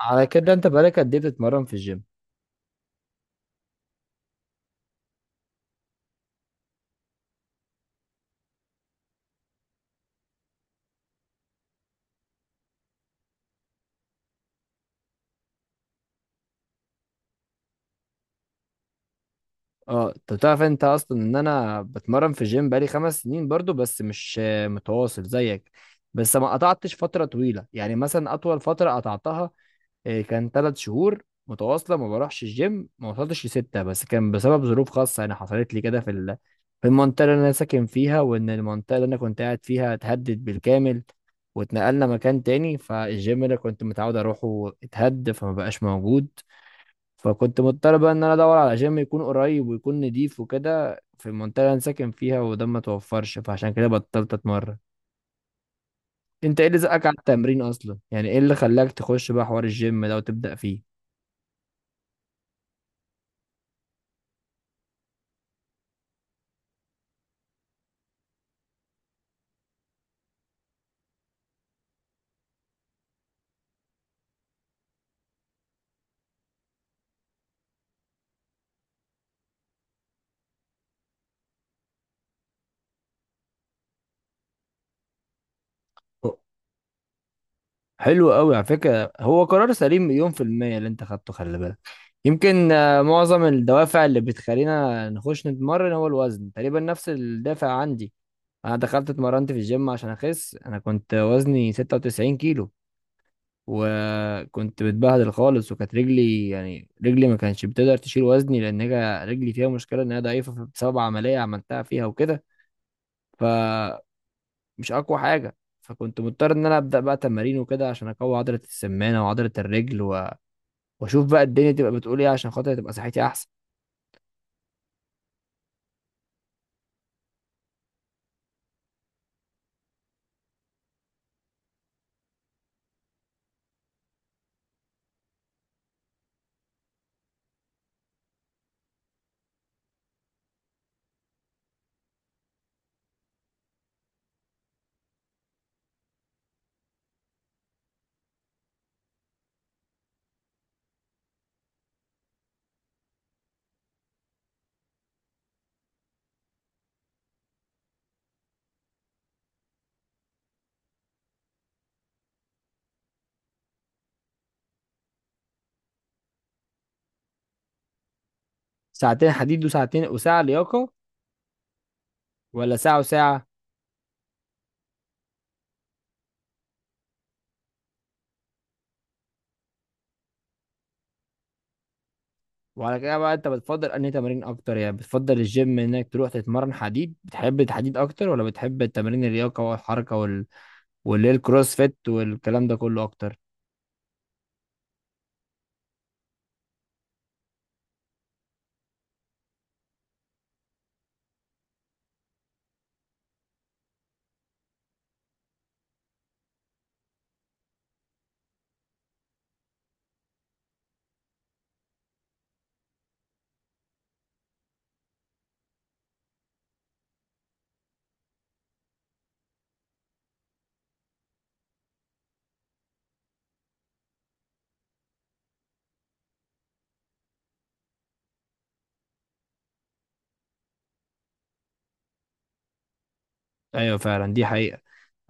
على كده انت بقالك قد ايه بتتمرن في الجيم؟ اه، انت بتعرف انت اصلا ان انا بتمرن في الجيم بقالي 5 سنين برضو، بس مش متواصل زيك. بس ما قطعتش فترة طويلة، يعني مثلا اطول فترة قطعتها كان 3 شهور متواصلة ما بروحش الجيم، ما وصلتش لستة، بس كان بسبب ظروف خاصة يعني حصلت لي كده في المنطقة اللي انا ساكن فيها، وان المنطقة اللي انا كنت قاعد فيها اتهدد بالكامل واتنقلنا مكان تاني، فالجيم اللي كنت متعود اروحه اتهد فما بقاش موجود. فكنت مضطر بقى ان انا ادور على جيم يكون قريب ويكون نضيف وكده في المنطقه اللي انا ساكن فيها، وده ما توفرش، فعشان كده بطلت اتمرن. انت ايه اللي زقك على التمرين اصلا، يعني ايه اللي خلاك تخش بقى حوار الجيم ده وتبدا فيه؟ حلو قوي على فكره، هو قرار سليم مليون في الميه اللي انت خدته. خلي بالك يمكن معظم الدوافع اللي بتخلينا نخش نتمرن هو الوزن. تقريبا نفس الدافع عندي، انا دخلت اتمرنت في الجيم عشان اخس، انا كنت وزني 96 كيلو وكنت بتبهدل خالص، وكانت رجلي، يعني رجلي ما كانتش بتقدر تشيل وزني لان هي رجلي فيها مشكله ان هي ضعيفه بسبب عمليه عملتها فيها وكده، فمش اقوى حاجه. فكنت مضطر ان انا ابدا بقى تمارين وكده عشان اقوي عضله السمانه وعضله الرجل، و... واشوف بقى الدنيا تبقى بتقول ايه عشان خاطر تبقى صحتي احسن. ساعتين حديد وساعتين وساعه لياقه؟ ولا ساعه وساعه؟ وعلى كده بقى انت بتفضل انهي تمارين اكتر، يعني بتفضل الجيم انك تروح تتمرن حديد، بتحب الحديد اكتر ولا بتحب التمارين اللياقه والحركه واللي هي الكروس فيت والكلام ده كله اكتر؟ ايوه فعلا، دي حقيقة.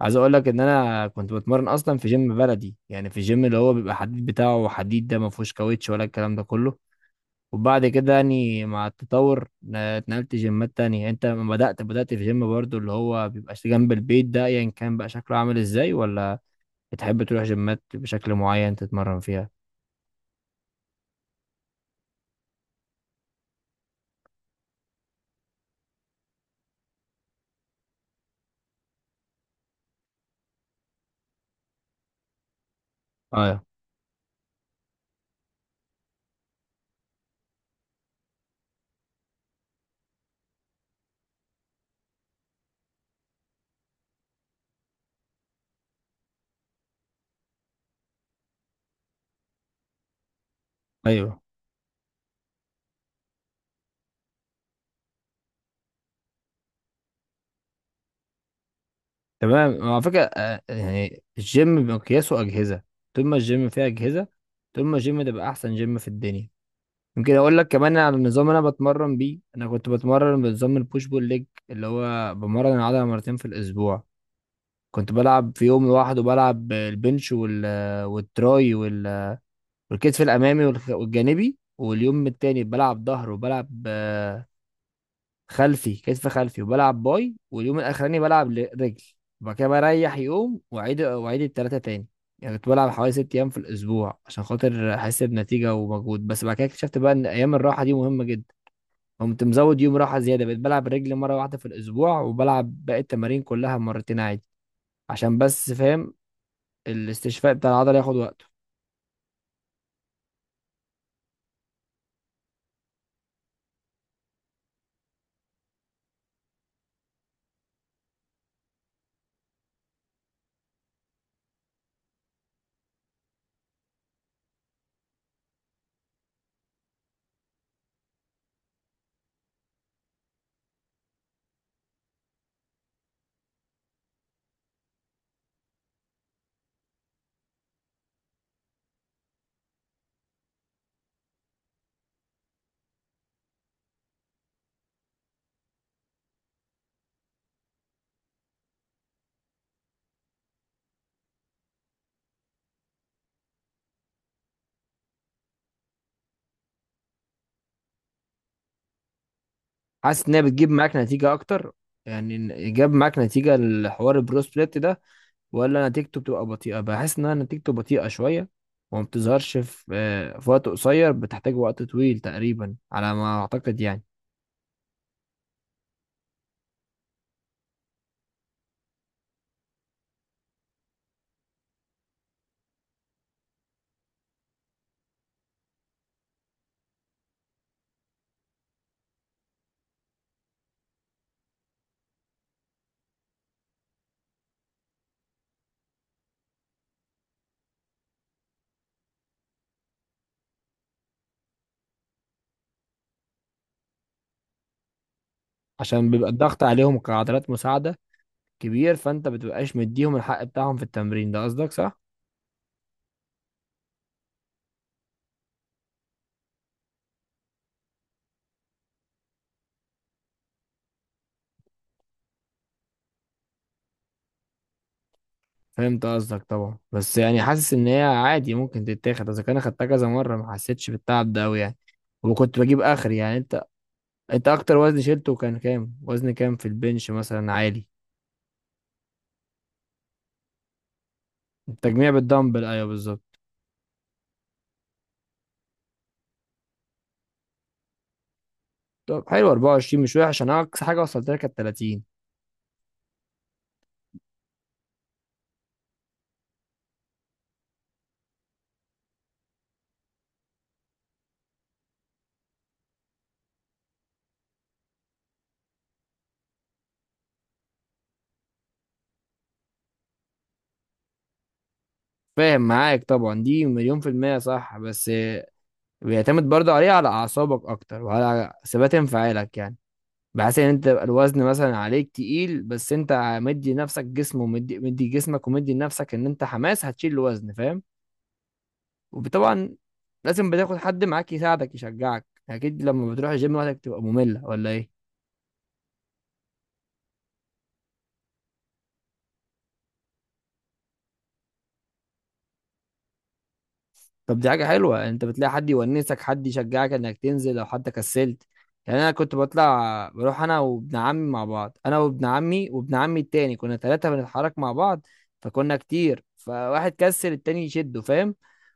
عايز اقول لك ان انا كنت بتمرن اصلا في جيم بلدي، يعني في جيم اللي هو بيبقى حديد، بتاعه حديد ده ما فيهوش كاوتش ولا الكلام ده كله. وبعد كده يعني مع التطور اتنقلت جيمات تانية. انت لما بدأت، في جيم برضو اللي هو بيبقى جنب البيت ده، ايا يعني كان بقى شكله عامل ازاي؟ ولا بتحب تروح جيمات بشكل معين تتمرن فيها؟ اه، ايوه، تمام على فكرة. يعني الجيم بمقياسه أجهزة، طول ما الجيم فيه أجهزة طول ما الجيم ده بقى أحسن جيم في الدنيا. يمكن أقول لك كمان على النظام اللي أنا بتمرن بيه، أنا كنت بتمرن بنظام البوش بول ليج اللي هو بمرن العضلة مرتين في الأسبوع. كنت بلعب في يوم لوحده، بلعب البنش والتراي والكتف الأمامي والجانبي، واليوم التاني بلعب ظهر وبلعب كتف خلفي وبلعب باي، واليوم الاخراني بلعب رجل. وبعد كده بريح يوم واعيد، التلاتة تاني. يعني كنت بلعب حوالي 6 ايام في الاسبوع عشان خاطر احس بنتيجه ومجهود. بس بعد كده اكتشفت بقى ان ايام الراحه دي مهمه جدا، قمت مزود يوم راحه زياده، بقيت بلعب رجل مره واحده في الاسبوع وبلعب باقي التمارين كلها مرتين عادي، عشان بس فاهم الاستشفاء بتاع العضله ياخد وقته. حاسس ان هي بتجيب معاك نتيجه اكتر؟ يعني جاب معاك نتيجه الحوار البرو سبليت ده، ولا نتيجته بتبقى بطيئة؟ بحس إنها نتيجته بطيئة شوية، وما بتظهرش في في وقت قصير، بتحتاج وقت طويل تقريبا على ما أعتقد يعني. عشان بيبقى الضغط عليهم كعضلات مساعدة كبير، فأنت بتبقاش مديهم الحق بتاعهم في التمرين ده، قصدك صح؟ فهمت قصدك طبعا، بس يعني حاسس إن هي عادي ممكن تتاخد، إذا كان أخدتها كذا مرة ما حسيتش بالتعب ده أوي يعني. وكنت بجيب آخر، يعني أنت أكتر وزن شيلته كان كام؟ وزن كام في البنش مثلا عالي؟ التجميع بالدمبل أيوه بالظبط. طب حلو 24، مش وحش. انا اقصى حاجه وصلت لها كانت 30. فاهم معاك طبعا، دي مليون في المية صح، بس بيعتمد برضه عليه على أعصابك أكتر وعلى ثبات انفعالك، يعني بحيث إن أنت يبقى الوزن مثلا عليك تقيل، بس أنت مدي نفسك جسم ومدي جسمك ومدي لنفسك إن أنت حماس هتشيل الوزن، فاهم؟ وطبعا لازم بتاخد حد معاك يساعدك يشجعك، أكيد. لما بتروح الجيم لوحدك تبقى مملة ولا إيه؟ طب دي حاجة حلوة، انت بتلاقي حد يونسك، حد يشجعك انك تنزل لو حتى كسلت. يعني انا كنت بطلع بروح انا وابن عمي مع بعض، انا وابن عمي وابن عمي التاني، كنا ثلاثة بنتحرك مع بعض، فكنا كتير، فواحد كسل التاني يشده، فاهم؟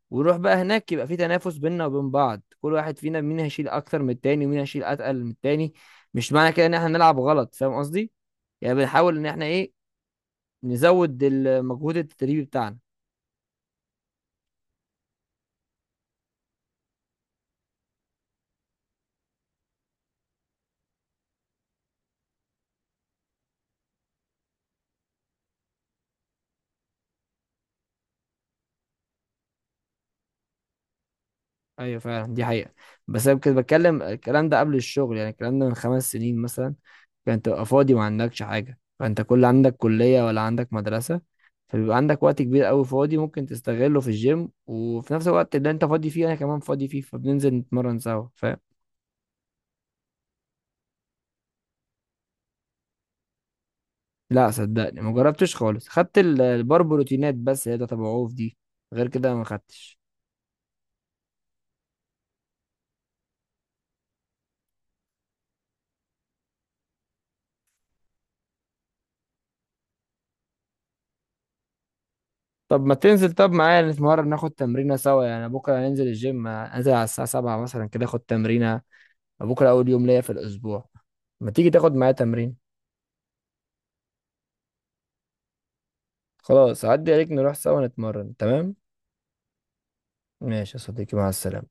ونروح بقى هناك يبقى في تنافس بيننا وبين بعض، كل واحد فينا مين هيشيل اكتر من التاني ومين هيشيل اتقل من التاني. مش معنى كده ان احنا نلعب غلط، فاهم قصدي؟ يعني بنحاول ان احنا ايه، نزود المجهود التدريبي بتاعنا. ايوه فعلا، دي حقيقة. بس انا كنت بتكلم الكلام ده قبل الشغل، يعني الكلام ده من 5 سنين مثلا، كان تبقى فاضي ما عندكش حاجة، فانت كل عندك كلية ولا عندك مدرسة، فبيبقى عندك وقت كبير قوي فاضي ممكن تستغله في الجيم، وفي نفس الوقت اللي انت فاضي فيه انا كمان فاضي فيه، فبننزل نتمرن سوا، فاهم؟ لا صدقني ما جربتش خالص، خدت البار بروتينات بس، هي ده تبع عوف دي، غير كده ما خدتش. طب ما تنزل طب معايا نتمرن، ناخد تمرينة سوا، يعني بكرة هننزل الجيم، انزل على الساعة 7 مثلا كده اخد تمرينة. بكره اول يوم ليا في الاسبوع، ما تيجي تاخد معايا تمرين؟ خلاص عدي عليك، نروح سوا نتمرن، تمام. ماشي يا صديقي، مع السلامه.